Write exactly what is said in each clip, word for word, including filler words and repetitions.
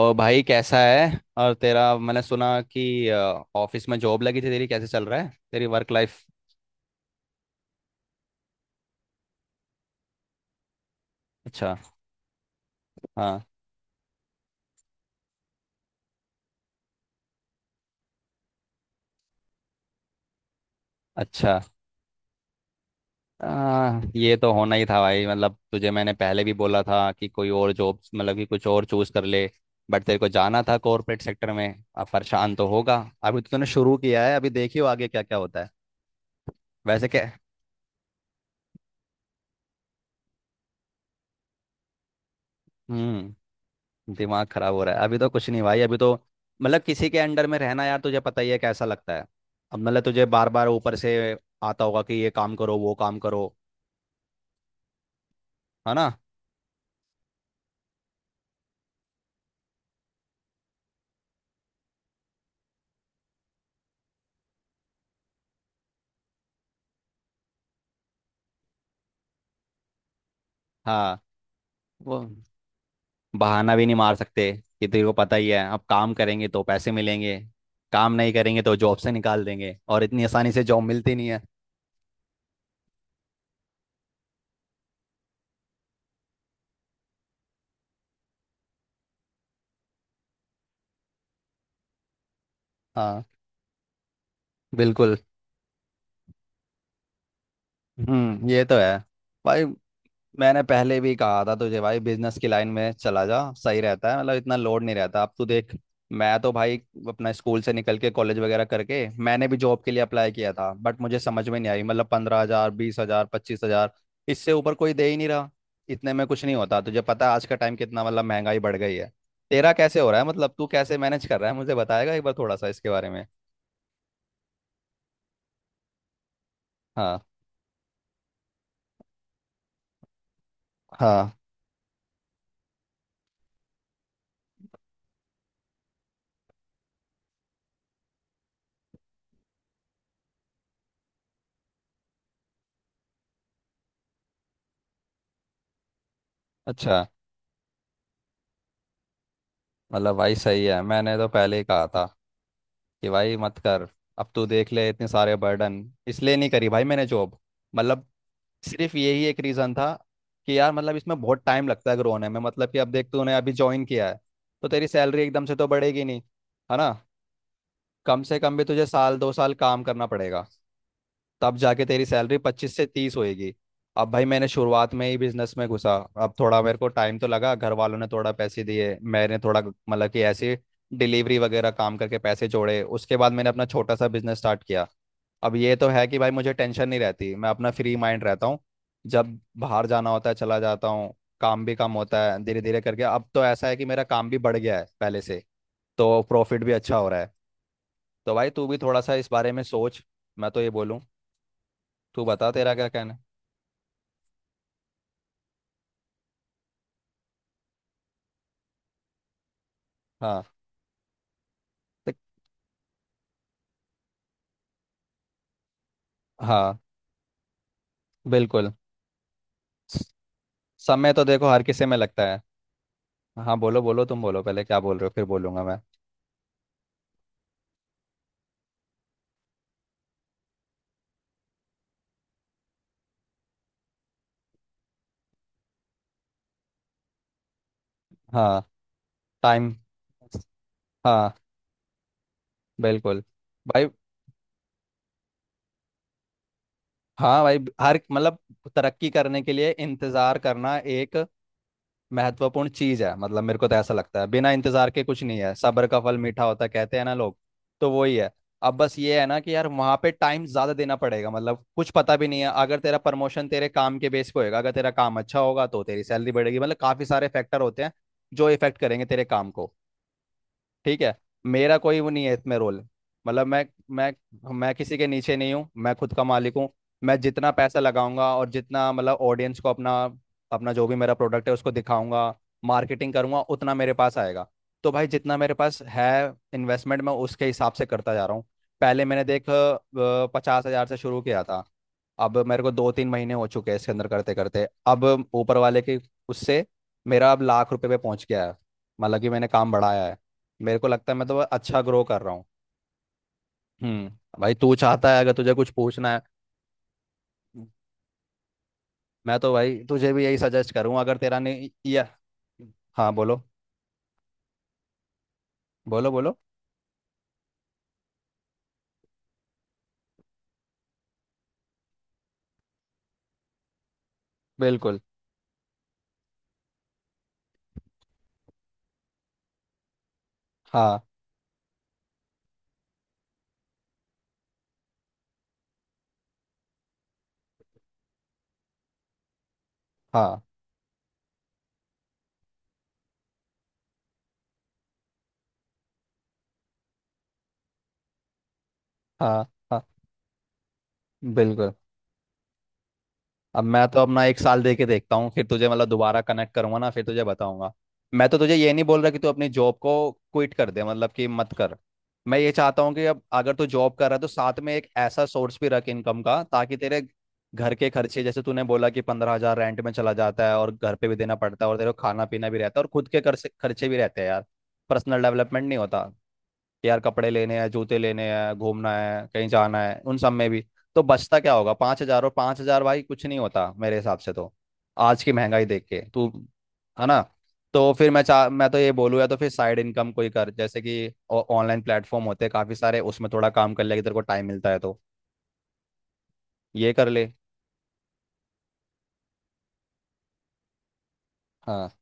और भाई कैसा है और तेरा? मैंने सुना कि अ, ऑफिस में जॉब लगी थी तेरी। कैसे चल रहा है तेरी वर्क लाइफ? अच्छा। हाँ। अच्छा। आ, ये तो होना ही था भाई, मतलब तुझे मैंने पहले भी बोला था कि कोई और जॉब, मतलब कि कुछ और चूज कर ले। बट तेरे को जाना था कॉर्पोरेट सेक्टर में। अब परेशान तो होगा। अभी तो तूने शुरू किया है, अभी देखियो आगे क्या क्या होता है। वैसे क्या। हम्म। दिमाग खराब हो रहा है, अभी तो कुछ नहीं भाई, अभी तो मतलब किसी के अंडर में रहना, यार तुझे पता ही है कैसा लगता है। अब मतलब तुझे बार बार ऊपर से आता होगा कि ये काम करो वो काम करो, है ना? हाँ। वो बहाना भी नहीं मार सकते कि तेरे को पता ही है, अब काम करेंगे तो पैसे मिलेंगे, काम नहीं करेंगे तो जॉब से निकाल देंगे, और इतनी आसानी से जॉब मिलती नहीं है। हाँ। बिल्कुल। हम्म, ये तो है भाई। मैंने पहले भी कहा था तुझे भाई, बिजनेस की लाइन में चला जा, सही रहता है, मतलब इतना लोड नहीं रहता। अब तू देख, मैं तो भाई अपना स्कूल से निकल के कॉलेज वगैरह करके मैंने भी जॉब के लिए अप्लाई किया था, बट मुझे समझ में नहीं आई, मतलब पंद्रह हजार, बीस हजार, पच्चीस हजार, इससे ऊपर कोई दे ही नहीं रहा। इतने में कुछ नहीं होता, तुझे पता है आज का टाइम कितना मतलब महंगाई बढ़ गई है। तेरा कैसे हो रहा है, मतलब तू कैसे मैनेज कर रहा है, मुझे बताएगा एक बार थोड़ा सा इसके बारे में? हाँ। हाँ। अच्छा। मतलब भाई सही है, मैंने तो पहले ही कहा था कि भाई मत कर। अब तू देख ले इतने सारे बर्डन। इसलिए नहीं करी भाई मैंने जॉब, मतलब सिर्फ यही एक रीज़न था कि यार मतलब इसमें बहुत टाइम लगता है ग्रो होने में। मतलब कि अब देख, तूने अभी ज्वाइन किया है तो तेरी सैलरी एकदम से तो बढ़ेगी नहीं, है ना? कम से कम भी तुझे साल दो साल काम करना पड़ेगा, तब जाके तेरी सैलरी पच्चीस से तीस होएगी। अब भाई मैंने शुरुआत में ही बिजनेस में घुसा, अब थोड़ा मेरे को टाइम तो लगा, घर वालों ने थोड़ा पैसे दिए, मैंने थोड़ा मतलब कि ऐसे डिलीवरी वगैरह काम करके पैसे जोड़े, उसके बाद मैंने अपना छोटा सा बिजनेस स्टार्ट किया। अब ये तो है कि भाई मुझे टेंशन नहीं रहती, मैं अपना फ्री माइंड रहता हूँ, जब बाहर जाना होता है चला जाता हूँ, काम भी कम होता है, धीरे धीरे करके अब तो ऐसा है कि मेरा काम भी बढ़ गया है पहले से, तो प्रॉफिट भी अच्छा हो रहा है। तो भाई तू भी थोड़ा सा इस बारे में सोच, मैं तो ये बोलूँ। तू बता तेरा क्या कहना है? हाँ। तो- हाँ। बिल्कुल। समय तो देखो हर किसी में लगता है। हाँ बोलो बोलो तुम बोलो पहले, क्या बोल रहे हो, फिर बोलूंगा मैं। हाँ। टाइम। हाँ। बिल्कुल। भाई, हाँ भाई, हर मतलब तरक्की करने के लिए इंतज़ार करना एक महत्वपूर्ण चीज है। मतलब मेरे को तो ऐसा लगता है बिना इंतजार के कुछ नहीं है, सब्र का फल मीठा होता है, कहते हैं ना लोग। तो वही है। अब बस ये है ना कि यार वहां पे टाइम ज्यादा देना पड़ेगा, मतलब कुछ पता भी नहीं है, अगर तेरा प्रमोशन तेरे काम के बेस पे होएगा, अगर तेरा काम अच्छा होगा तो तेरी सैलरी बढ़ेगी, मतलब काफी सारे फैक्टर होते हैं जो इफेक्ट करेंगे तेरे काम को। ठीक है? मेरा कोई वो नहीं है इसमें रोल, मतलब मैं मैं मैं किसी के नीचे नहीं हूँ, मैं खुद का मालिक हूँ। मैं जितना पैसा लगाऊंगा और जितना मतलब ऑडियंस को अपना अपना जो भी मेरा प्रोडक्ट है उसको दिखाऊंगा, मार्केटिंग करूंगा, उतना मेरे पास आएगा। तो भाई जितना मेरे पास है इन्वेस्टमेंट, मैं उसके हिसाब से करता जा रहा हूँ। पहले मैंने देख पचास हजार से शुरू किया था, अब मेरे को दो तीन महीने हो चुके हैं, इसके अंदर करते करते अब ऊपर वाले के उससे मेरा अब लाख रुपए पे पहुंच गया है। मतलब कि मैंने काम बढ़ाया है, मेरे को लगता है मैं तो अच्छा ग्रो कर रहा हूँ। हम्म। भाई तू चाहता है अगर तुझे कुछ पूछना है, मैं तो भाई तुझे भी यही सजेस्ट करूँ, अगर तेरा नहीं, या। हाँ। बोलो बोलो बोलो। बिल्कुल। हाँ हाँ हाँ। हाँ। बिल्कुल। अब मैं तो अपना एक साल दे के देखता हूँ, फिर तुझे मतलब दोबारा कनेक्ट करूंगा ना, फिर तुझे बताऊंगा। मैं तो तुझे ये नहीं बोल रहा कि तू अपनी जॉब को क्विट कर दे, मतलब कि मत कर। मैं ये चाहता हूँ कि अब अगर तू जॉब कर रहा है तो साथ में एक ऐसा सोर्स भी रख इनकम का, ताकि तेरे घर के खर्चे जैसे तूने बोला कि पंद्रह हजार रेंट में चला जाता है, और घर पे भी देना पड़ता है, और तेरे को खाना पीना भी रहता है, और खुद के खर्चे खर्चे भी रहते हैं यार। पर्सनल डेवलपमेंट नहीं होता यार, कपड़े लेने हैं, जूते लेने हैं, घूमना है, कहीं जाना है, उन सब में भी। तो बचता क्या होगा, पाँच हजार? और पाँच हजार भाई कुछ नहीं होता मेरे हिसाब से तो, आज की महंगाई देख के तू, है ना? तो फिर मैं चाह, मैं तो ये बोलूँ या तो फिर साइड इनकम कोई कर, जैसे कि ऑनलाइन प्लेटफॉर्म होते हैं काफ़ी सारे, उसमें थोड़ा काम कर ले अगर तेरे को टाइम मिलता है तो, ये कर ले। हाँ।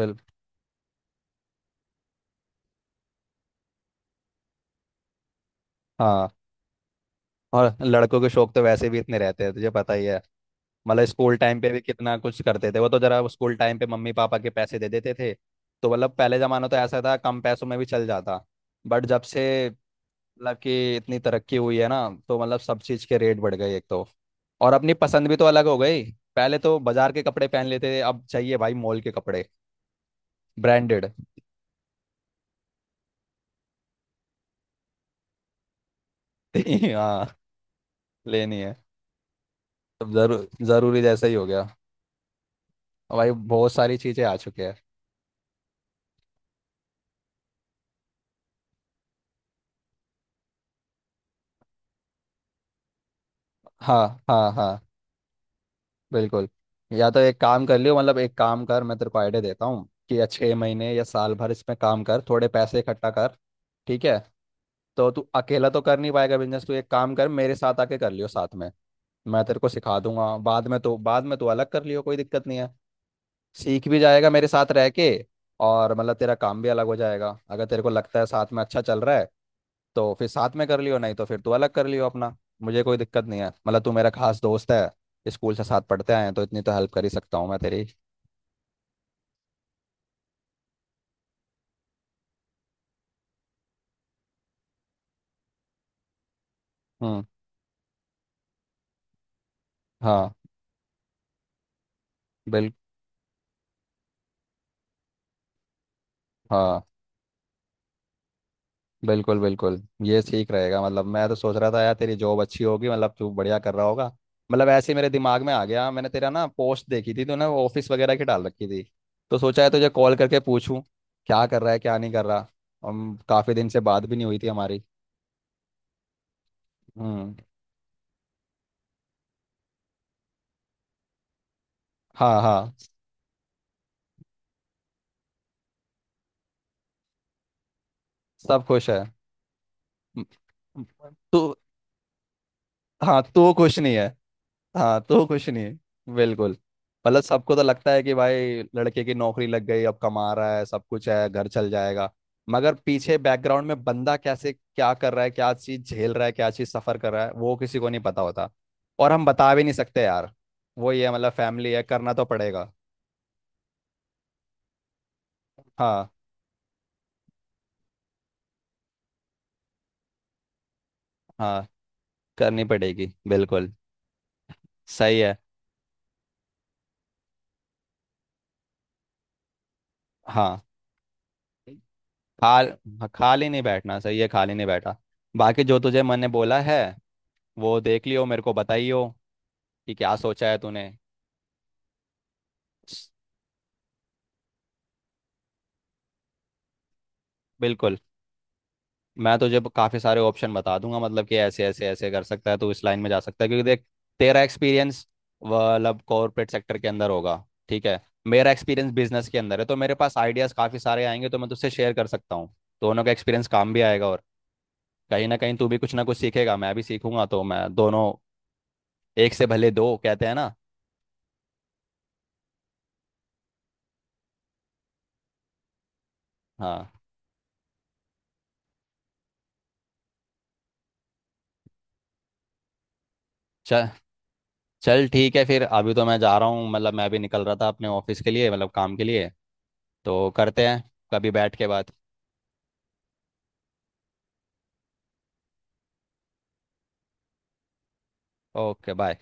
बिल हाँ, और लड़कों के शौक तो वैसे भी इतने रहते हैं तुझे पता ही है। मतलब स्कूल टाइम पे भी कितना कुछ करते थे, वो तो जरा स्कूल टाइम पे मम्मी पापा के पैसे दे देते थे। तो मतलब पहले जमाना तो ऐसा था, कम पैसों में भी चल जाता, बट जब से मतलब कि इतनी तरक्की हुई है ना, तो मतलब सब चीज़ के रेट बढ़ गए एक तो, और अपनी पसंद भी तो अलग हो गई। पहले तो बाजार के कपड़े पहन लेते थे, अब चाहिए भाई मॉल के कपड़े, ब्रांडेड। हाँ, लेनी है। तो जरूर जरूरी जैसा ही हो गया भाई, बहुत सारी चीज़ें आ चुकी है। हाँ हाँ हाँ। बिल्कुल। या तो एक काम कर लियो, मतलब एक काम कर, मैं तेरे को आइडिया देता हूँ कि या छः महीने या साल भर इसमें काम कर, थोड़े पैसे इकट्ठा कर। ठीक है? तो तू अकेला तो कर नहीं पाएगा बिजनेस, तू एक काम कर मेरे साथ आके कर लियो साथ में। मैं तेरे को सिखा दूंगा, बाद में तो बाद में तू अलग कर लियो, कोई दिक्कत नहीं है। सीख भी जाएगा मेरे साथ रह के, और मतलब तेरा काम भी अलग हो जाएगा अगर तेरे को लगता है साथ में अच्छा चल रहा है। तो फिर साथ में कर लियो, नहीं तो फिर तू अलग कर लियो अपना। मुझे कोई दिक्कत नहीं है, मतलब तू मेरा खास दोस्त है, स्कूल से साथ पढ़ते आए हैं, तो इतनी तो हेल्प कर ही सकता हूँ मैं तेरी। हम्म। हाँ। बिल हाँ, बिल्कुल बिल्कुल ये ठीक रहेगा। मतलब मैं तो सोच रहा था यार तेरी जॉब अच्छी होगी, मतलब तू बढ़िया कर रहा होगा, मतलब ऐसे ही मेरे दिमाग में आ गया, मैंने तेरा ना पोस्ट देखी थी तूने वो ऑफिस वगैरह की डाल रखी थी, तो सोचा है तुझे कॉल करके पूछूं क्या कर रहा है क्या नहीं कर रहा। हम काफ़ी दिन से बात भी नहीं हुई थी हमारी। हम्म। हाँ। हाँ, सब खुश है। म- म- तू, हाँ तू खुश नहीं है। हाँ तो कुछ नहीं। बिल्कुल। मतलब सबको तो लगता है कि भाई लड़के की नौकरी लग गई, अब कमा रहा है, सब कुछ है, घर चल जाएगा। मगर पीछे बैकग्राउंड में बंदा कैसे क्या कर रहा है, क्या चीज़ झेल रहा है, क्या चीज़ सफ़र कर रहा है, वो किसी को नहीं पता होता। और हम बता भी नहीं सकते यार, वो ये मतलब फैमिली है, करना तो पड़ेगा। हाँ। हाँ, करनी पड़ेगी बिल्कुल, सही है। हाँ। खाल हाँ, खाली नहीं बैठना सही है, खाली नहीं बैठा। बाकी जो तुझे मैंने बोला है वो देख लियो, मेरे को बताइयो कि क्या सोचा है तूने। बिल्कुल। मैं तुझे काफ़ी सारे ऑप्शन बता दूंगा, मतलब कि ऐसे ऐसे ऐसे कर सकता है तू, इस लाइन में जा सकता है, क्योंकि देख तेरा एक्सपीरियंस मतलब कॉरपोरेट सेक्टर के अंदर होगा, ठीक है? मेरा एक्सपीरियंस बिजनेस के अंदर है, तो मेरे पास आइडियाज़ काफ़ी सारे आएंगे, तो मैं तुझसे शेयर कर सकता हूँ। दोनों का एक्सपीरियंस काम भी आएगा, और कहीं ना कहीं तू भी कुछ ना कुछ सीखेगा, मैं भी सीखूंगा, तो मैं दोनों, एक से भले दो कहते हैं ना। हाँ। चल, चल ठीक है फिर, अभी तो मैं जा रहा हूँ, मतलब मैं अभी निकल रहा था अपने ऑफिस के लिए, मतलब काम के लिए। तो करते हैं कभी बैठ के बात। Okay bye.